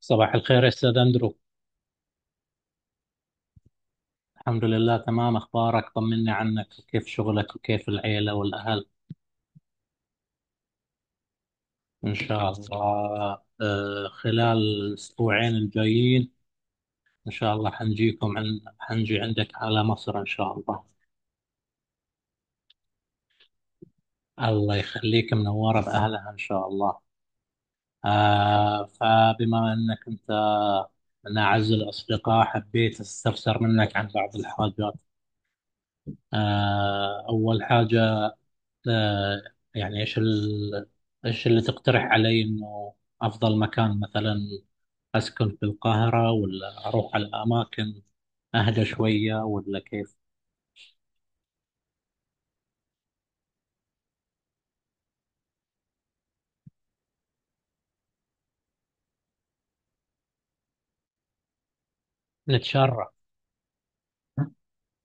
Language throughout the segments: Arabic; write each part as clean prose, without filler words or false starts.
صباح الخير يا أستاذ أندرو. الحمد لله تمام، أخبارك؟ طمني عنك وكيف شغلك وكيف العيلة والأهل. إن شاء الله. خلال الأسبوعين الجايين إن شاء الله حنجي عندك على مصر إن شاء الله. الله يخليك منورة بأهلها إن شاء الله. فبما أنك أنت من أعز الأصدقاء حبيت أستفسر منك عن بعض الحاجات. أول حاجة. آه، يعني ايش اللي تقترح علي انه افضل مكان مثلا، اسكن في القاهرة ولا اروح على اماكن اهدى شوية ولا كيف؟ نتشرف.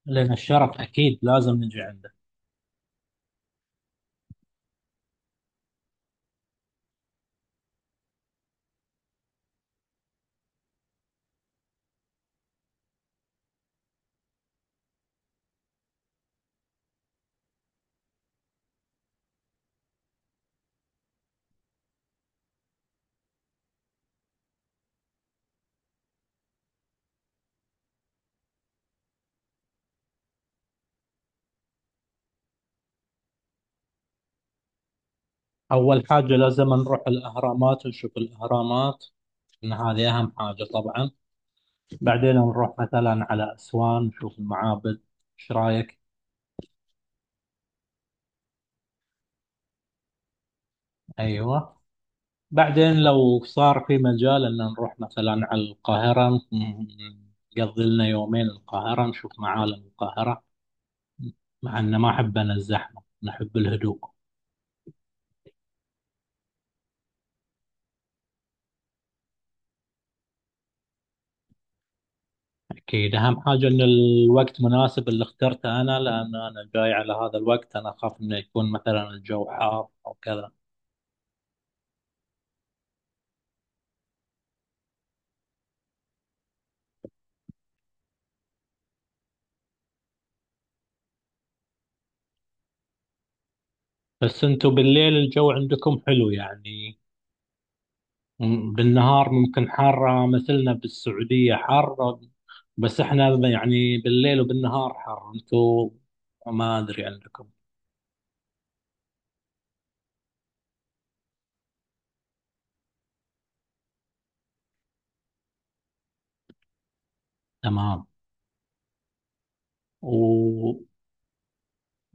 لان الشرف اكيد لازم نجي عنده. اول حاجة لازم نروح الاهرامات ونشوف الاهرامات. ان هذه اهم حاجة طبعا. بعدين نروح مثلا على اسوان نشوف المعابد. ايش رايك؟ ايوه. بعدين لو صار في مجال ان نروح مثلا على القاهرة نقضي لنا يومين القاهرة نشوف معالم القاهرة. مع ان ما احب انا الزحمة نحب الهدوء. اكيد اهم حاجة ان الوقت مناسب اللي اخترته انا، لان انا جاي على هذا الوقت انا اخاف انه يكون مثلا الجو حار او كذا. بس انتوا بالليل الجو عندكم حلو يعني. بالنهار ممكن حارة مثلنا بالسعودية حر. بس احنا يعني بالليل وبالنهار حر انتوا، ما ادري عندكم. تمام. و-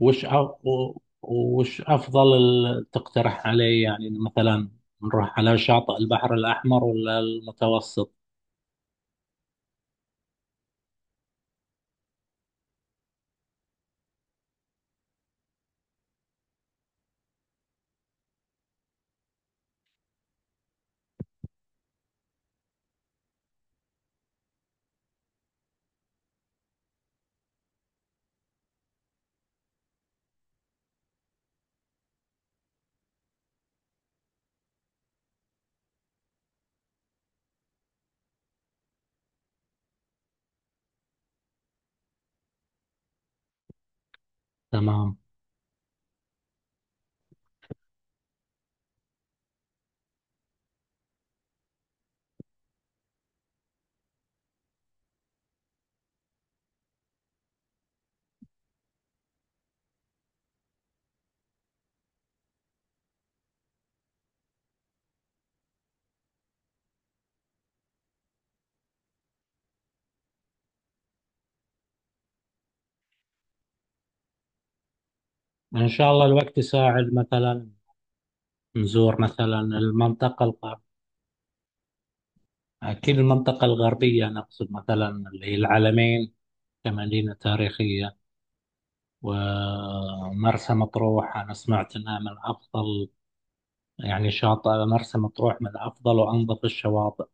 وش أ- وش افضل تقترح علي يعني مثلا، نروح على شاطئ البحر الاحمر ولا المتوسط؟ تمام. ان شاء الله الوقت يساعد مثلا نزور مثلا المنطقة الغرب. اكيد المنطقة الغربية نقصد مثلا اللي هي العلمين كمدينة تاريخية، ومرسى مطروح أنا سمعت أنها من أفضل. يعني شاطئ مرسى مطروح من أفضل وأنظف الشواطئ.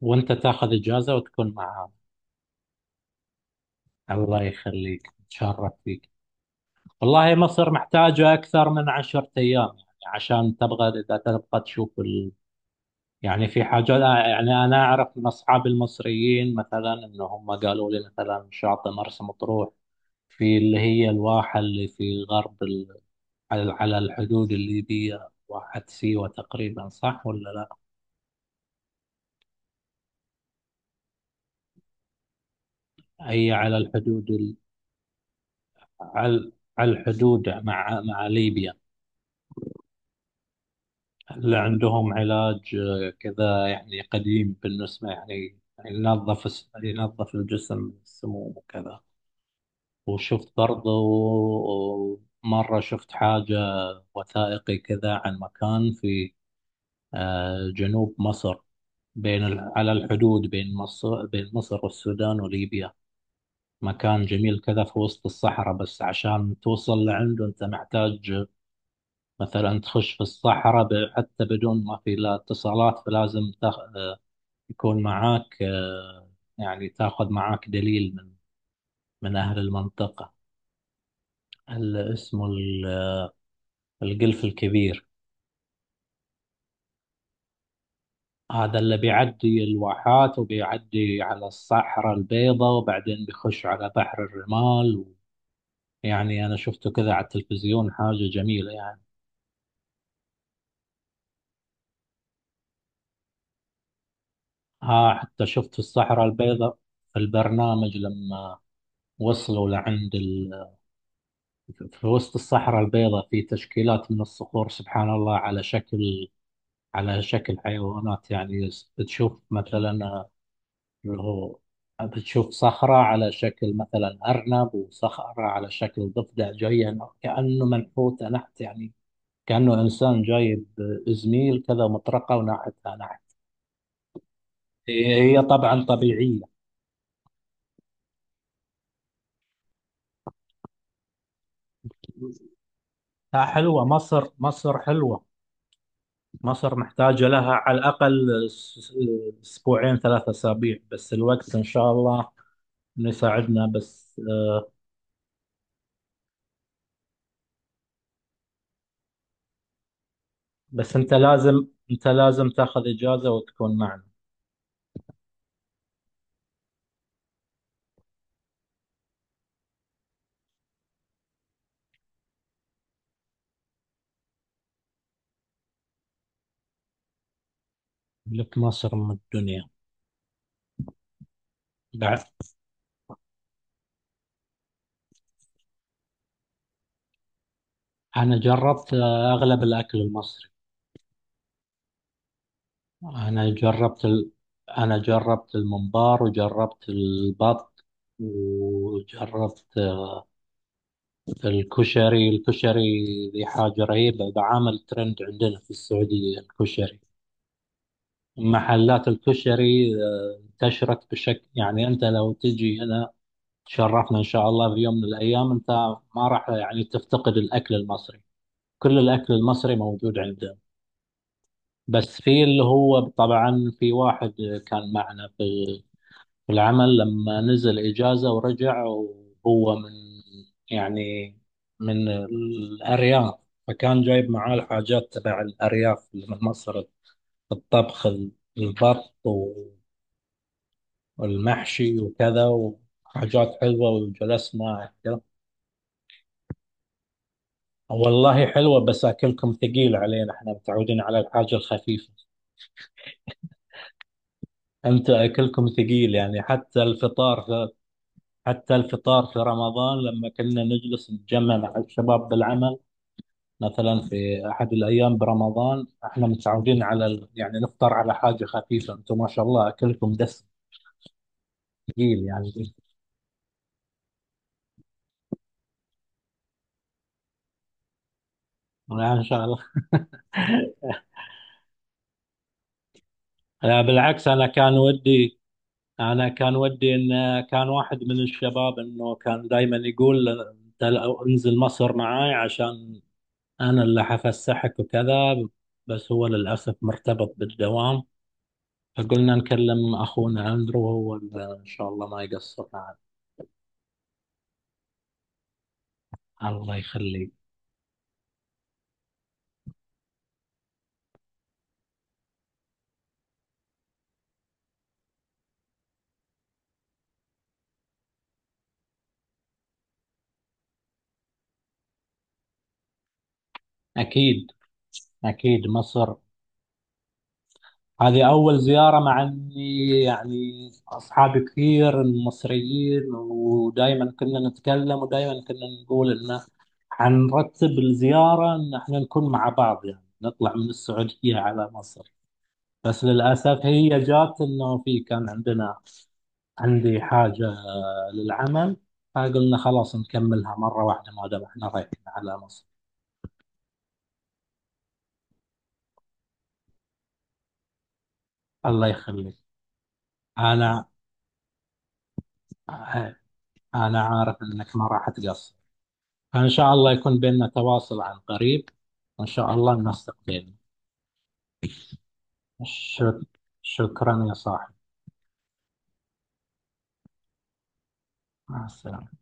وأنت تاخذ إجازة وتكون معاهم. الله يخليك نتشرف فيك. والله مصر محتاجة أكثر من 10 أيام يعني عشان تبغى إذا تبغى تشوف. يعني في حاجة لا يعني أنا أعرف من أصحاب المصريين مثلا إن هم قالوا لي مثلا شاطئ مرسى مطروح. في اللي هي الواحة اللي في غرب، على الحدود الليبية، واحد سيوة تقريبا صح ولا لا؟ هي على الحدود. على على الحدود مع ليبيا. اللي عندهم علاج كذا يعني قديم بالنسبة يعني. ينظف الجسم من السموم وكذا. وشفت برضو مرة شفت حاجة وثائقي كذا عن مكان في جنوب مصر. على الحدود بين مصر والسودان وليبيا. مكان جميل كذا في وسط الصحراء، بس عشان توصل لعنده أنت محتاج مثلا تخش في الصحراء حتى بدون ما في لا اتصالات فلازم يكون معاك يعني تاخذ معاك دليل من أهل المنطقة. اسمه القلف الكبير. هذا اللي بيعدي الواحات وبيعدي على الصحراء البيضاء وبعدين بيخش على بحر الرمال. يعني أنا شفته كذا على التلفزيون، حاجة جميلة يعني. ها حتى شفت في الصحراء البيضاء في البرنامج لما وصلوا لعند. في وسط الصحراء البيضاء في تشكيلات من الصخور، سبحان الله على شكل حيوانات يعني. تشوف مثلا اللي هو بتشوف صخرة على شكل مثلا أرنب، وصخرة على شكل ضفدع، جاية كأنه منحوتة نحت يعني. كأنه إنسان جايب زميل كذا مطرقة وناحتها نحت. هي طبعا طبيعية. لا حلوة، مصر مصر حلوة. مصر محتاجة لها على الأقل أسبوعين 3 أسابيع، بس الوقت إن شاء الله إنه يساعدنا بس. بس أنت لازم تاخذ إجازة وتكون معنا. لك مصر من الدنيا، بعد. أنا جربت أغلب الأكل المصري. أنا جربت ال... أنا جربت الممبار وجربت البط وجربت الكشري، الكشري ذي حاجة رهيبة، بعامل ترند عندنا في السعودية الكشري. محلات الكشري انتشرت بشكل يعني، انت لو تجي هنا تشرفنا ان شاء الله في يوم من الايام، انت ما راح يعني تفتقد الاكل المصري، كل الاكل المصري موجود عندنا. بس في اللي هو طبعا في واحد كان معنا في العمل لما نزل اجازة ورجع، وهو من يعني من الارياف، فكان جايب معاه الحاجات تبع الارياف اللي من مصر، الطبخ البط والمحشي وكذا، وحاجات حلوة وجلسنا كذا. والله حلوة بس أكلكم ثقيل علينا، احنا متعودين على الحاجة الخفيفة. أنت أكلكم ثقيل يعني، حتى الفطار في رمضان لما كنا نجلس نتجمع مع الشباب بالعمل، مثلا في أحد الأيام برمضان احنا متعودين على يعني نفطر على حاجة خفيفة، أنتم ما شاء الله أكلكم دسم ثقيل يعني. لا إن شاء الله. لا بالعكس، أنا كان ودي ان كان واحد من الشباب انه كان دائما يقول انت لو انزل مصر معاي عشان انا اللي حفسحك وكذا، بس هو للاسف مرتبط بالدوام، فقلنا نكلم اخونا اندرو وهو اللي ان شاء الله ما يقصر معنا. الله يخليك. اكيد، اكيد مصر، هذه أول زيارة، مع إني يعني أصحابي كثير مصريين ودائما كنا نتكلم ودائما كنا نقول إنه حنرتب الزيارة إن إحنا نكون مع بعض، يعني نطلع من السعودية على مصر، بس للأسف هي جات إنه في كان عندنا عندي حاجة للعمل، فقلنا خلاص نكملها مرة واحدة ما دام إحنا رايحين على مصر. الله يخليك. أنا أنا عارف إنك ما راح تقصر، فإن شاء الله يكون بيننا تواصل عن قريب، وإن شاء الله ننسق بيننا. شك... شكرا يا صاحبي. مع السلامة.